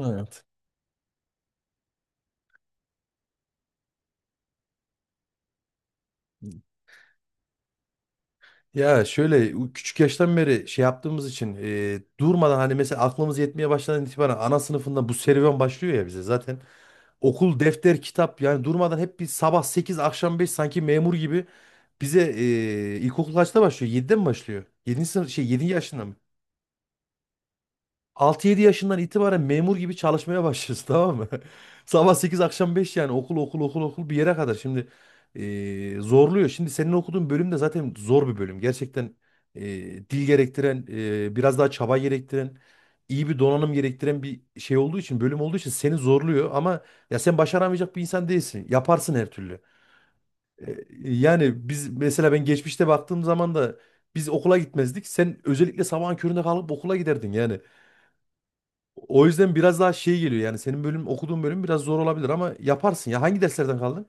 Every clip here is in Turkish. Evet. Ya şöyle küçük yaştan beri şey yaptığımız için durmadan hani mesela aklımız yetmeye başladan itibaren ana sınıfında bu serüven başlıyor ya bize zaten. Okul, defter, kitap yani durmadan hep bir sabah 8 akşam 5 sanki memur gibi bize ilkokul kaçta başlıyor? 7'de mi başlıyor? 7. sınıf şey 7. yaşında mı? 6-7 yaşından itibaren memur gibi çalışmaya başlıyorsun, tamam mı? Sabah 8 akşam 5 yani okul okul okul okul bir yere kadar. Şimdi zorluyor. Şimdi senin okuduğun bölüm de zaten zor bir bölüm. Gerçekten dil gerektiren, biraz daha çaba gerektiren, iyi bir donanım gerektiren bir şey olduğu için, bölüm olduğu için seni zorluyor. Ama ya sen başaramayacak bir insan değilsin. Yaparsın her türlü. Yani biz mesela ben geçmişte baktığım zaman da biz okula gitmezdik. Sen özellikle sabahın köründe kalkıp okula giderdin yani. O yüzden biraz daha şey geliyor yani senin bölüm okuduğun bölüm biraz zor olabilir ama yaparsın ya. Hangi derslerden kaldın?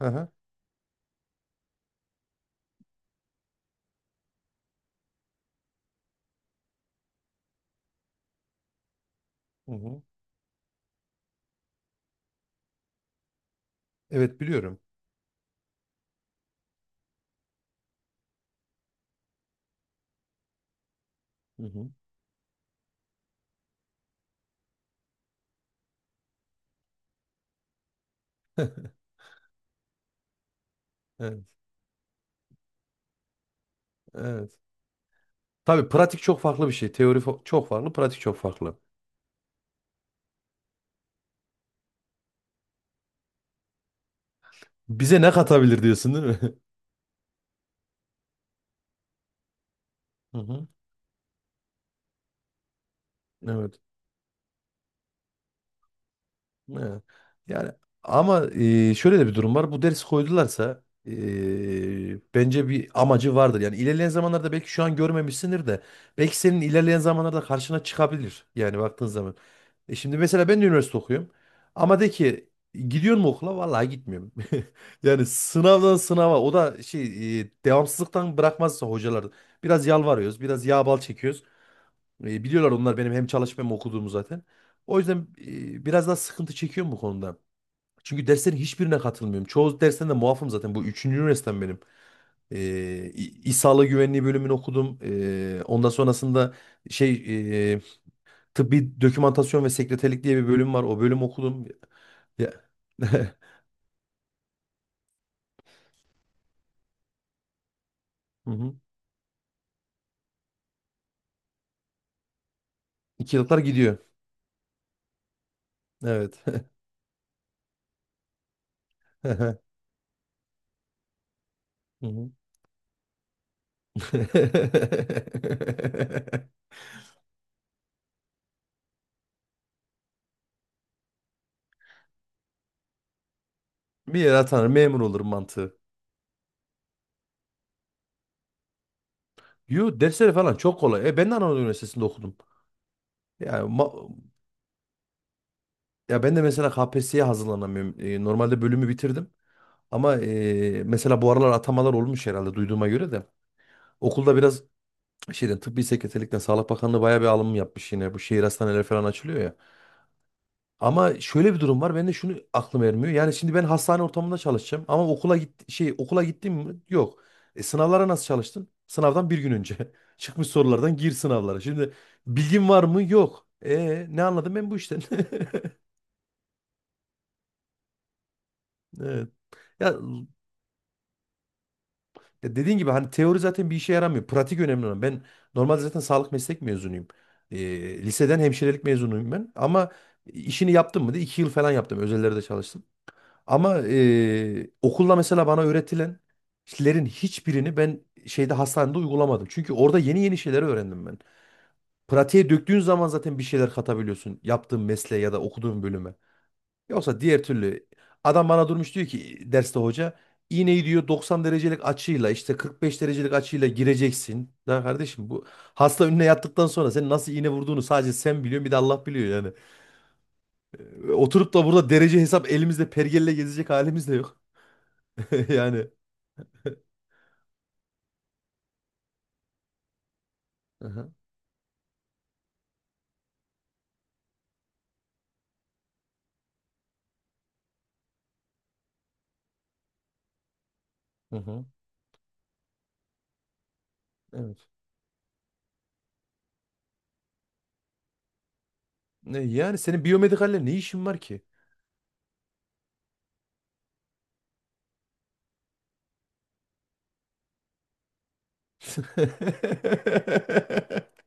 Hı hı. Hı hı. Evet, biliyorum. Hı hı. Evet. Evet. Tabii pratik çok farklı bir şey. Teori çok farklı, pratik çok farklı. Bize ne katabilir diyorsun, değil mi? Hı hı. Evet. Evet. Yani ama şöyle de bir durum var. Bu dersi koydularsa bence bir amacı vardır. Yani ilerleyen zamanlarda belki şu an görmemişsindir de belki senin ilerleyen zamanlarda karşına çıkabilir. Yani baktığın zaman. E şimdi mesela ben de üniversite okuyorum. Ama de ki gidiyor mu okula? Vallahi gitmiyorum. Yani sınavdan sınava, o da şey devamsızlıktan bırakmazsa hocalar biraz yalvarıyoruz, biraz yağ bal çekiyoruz. Biliyorlar onlar benim hem çalışıp hem okuduğumu zaten. O yüzden biraz daha sıkıntı çekiyorum bu konuda. Çünkü derslerin hiçbirine katılmıyorum. Çoğu dersten de muafım zaten. Bu üçüncü üniversitem benim. E, Sağlığı Güvenliği bölümünü okudum. Ondan sonrasında şey e, tıbbi dokümantasyon ve sekreterlik diye bir bölüm var. O bölüm okudum. Ya. Hı hı. İki yıllar gidiyor. Evet. Hı hı. Bir yere atanır, memur olurum mantığı. Yo, dersleri falan çok kolay. E, ben de Anadolu Üniversitesi'nde okudum. Yani ma- Ya ben de mesela KPSS'ye hazırlanamıyorum. Normalde bölümü bitirdim. Ama mesela bu aralar atamalar olmuş herhalde, duyduğuma göre de. Okulda biraz şeyden, tıbbi sekreterlikten Sağlık Bakanlığı bayağı bir alım yapmış yine. Bu şehir hastaneleri falan açılıyor ya. Ama şöyle bir durum var. Ben de şunu aklım ermiyor. Yani şimdi ben hastane ortamında çalışacağım ama okula git şey okula gittim mi? Yok. Sınavlara nasıl çalıştın? Sınavdan bir gün önce. Çıkmış sorulardan gir sınavlara. Şimdi bilgin var mı? Yok. E, ne anladım ben bu işten? Evet. Ya, ya, dediğin gibi hani teori zaten bir işe yaramıyor. Pratik önemli olan. Ben normalde zaten sağlık meslek mezunuyum. Liseden hemşirelik mezunuyum ben. Ama işini yaptım mı diye 2 yıl falan yaptım. Özellerde çalıştım. Ama okulda mesela bana öğretilenlerin hiçbirini ben şeyde hastanede uygulamadım. Çünkü orada yeni yeni şeyler öğrendim ben. Pratiğe döktüğün zaman zaten bir şeyler katabiliyorsun yaptığın mesleğe ya da okuduğun bölüme. Yoksa diğer türlü adam bana durmuş diyor ki derste hoca iğneyi diyor 90 derecelik açıyla işte 45 derecelik açıyla gireceksin. Ya kardeşim, bu hasta önüne yattıktan sonra senin nasıl iğne vurduğunu sadece sen biliyorsun, bir de Allah biliyor yani. Oturup da burada derece hesap elimizde pergelle gezecek halimiz de yok. Yani, hı hı. Hı hı. Evet. Ne, yani senin biyomedikalle ne işin var ki?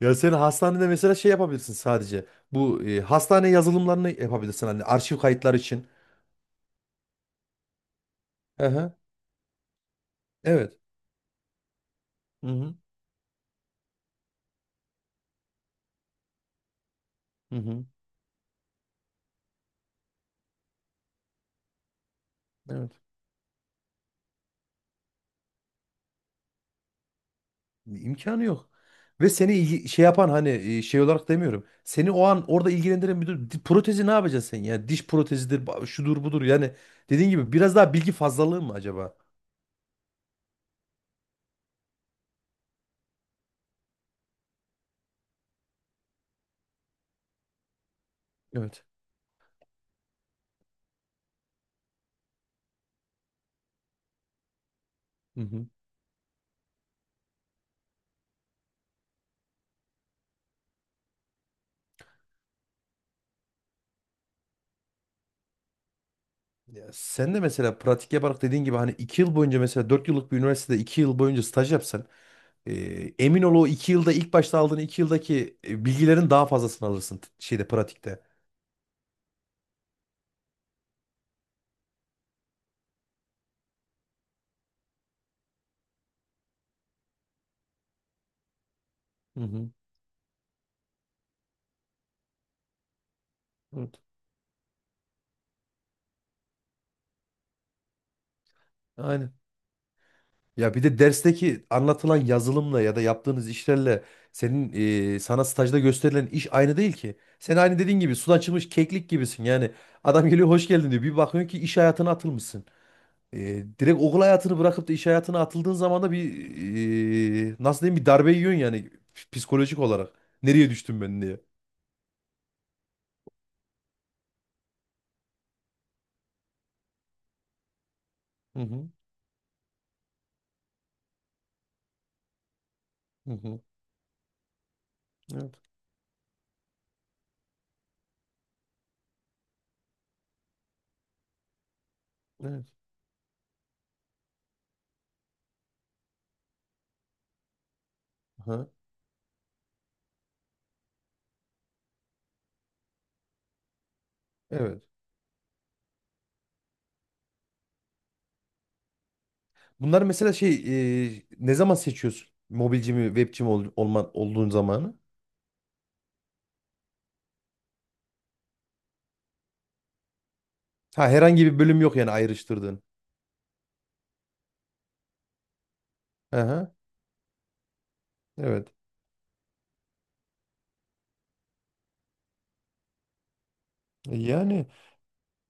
Ya sen hastanede mesela şey yapabilirsin sadece. Bu hastane yazılımlarını yapabilirsin hani arşiv kayıtlar için. Hı hı. Evet. Hı hı. Hı hı. Evet. İmkanı yok. Ve seni şey yapan hani şey olarak demiyorum. Seni o an orada ilgilendiren bir durum. Protezi ne yapacaksın sen ya? Diş protezidir, şudur budur. Yani dediğin gibi biraz daha bilgi fazlalığı mı acaba? Evet. Ya sen de mesela pratik yaparak dediğin gibi hani 2 yıl boyunca mesela 4 yıllık bir üniversitede 2 yıl boyunca staj yapsan emin ol o 2 yılda ilk başta aldığın 2 yıldaki bilgilerin daha fazlasını alırsın şeyde pratikte. Hı hı. Evet. Aynen. Ya bir de dersteki anlatılan yazılımla ya da yaptığınız işlerle senin sana stajda gösterilen iş aynı değil ki. Sen aynı dediğin gibi sudan çıkmış keklik gibisin. Yani adam geliyor hoş geldin diyor. Bir bakıyorsun ki iş hayatına atılmışsın. Direkt okul hayatını bırakıp da iş hayatına atıldığın zaman da bir nasıl diyeyim, bir darbe yiyorsun yani psikolojik olarak. Nereye düştüm ben diye. Hı hı. Hı hı. Evet. Evet. Aha. Evet. Bunlar mesela şey ne zaman seçiyorsun? Mobilci mi, webci mi olman, olduğun zamanı? Ha, herhangi bir bölüm yok yani ayrıştırdığın. Aha, evet. Yani,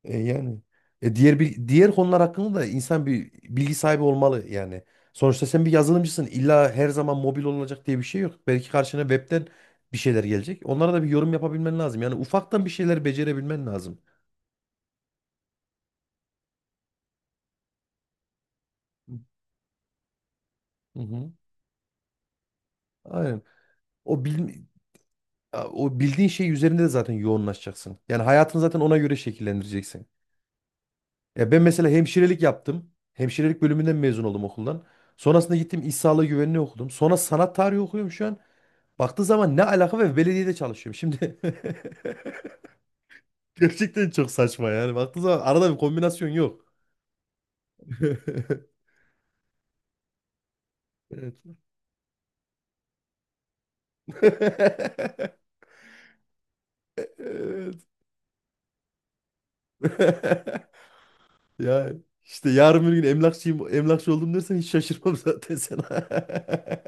e, yani diğer diğer konular hakkında da insan bir bilgi sahibi olmalı yani. Sonuçta sen bir yazılımcısın. İlla her zaman mobil olacak diye bir şey yok. Belki karşına webten bir şeyler gelecek. Onlara da bir yorum yapabilmen lazım. Yani ufaktan bir şeyler becerebilmen lazım. Hı hı. Aynen. O bil, O bildiğin şey üzerinde de zaten yoğunlaşacaksın. Yani hayatını zaten ona göre şekillendireceksin. Ya ben mesela hemşirelik yaptım. Hemşirelik bölümünden mezun oldum okuldan. Sonrasında gittim iş sağlığı güvenliği okudum. Sonra sanat tarihi okuyorum şu an. Baktığı zaman ne alaka ve belediyede çalışıyorum. Şimdi gerçekten çok saçma yani. Baktığı zaman arada bir kombinasyon yok. Evet. Evet. Ya işte yarın bir gün emlakçıyım, emlakçı oldum dersen hiç şaşırmam zaten sana.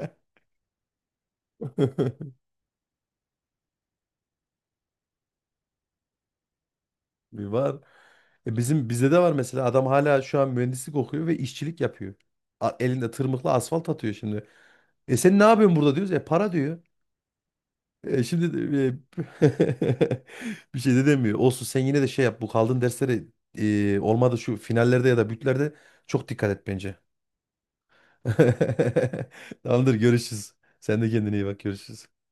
Bir var. E bizim bizde de var mesela adam hala şu an mühendislik okuyor ve işçilik yapıyor. Elinde tırmıkla asfalt atıyor şimdi. E sen ne yapıyorsun burada diyoruz. E para diyor. Şimdi bir şey de demiyor. Olsun, sen yine de şey yap. Bu kaldığın derslere olmadı şu finallerde ya da bütlerde çok dikkat et bence. Tamamdır, görüşürüz. Sen de kendine iyi bak, görüşürüz.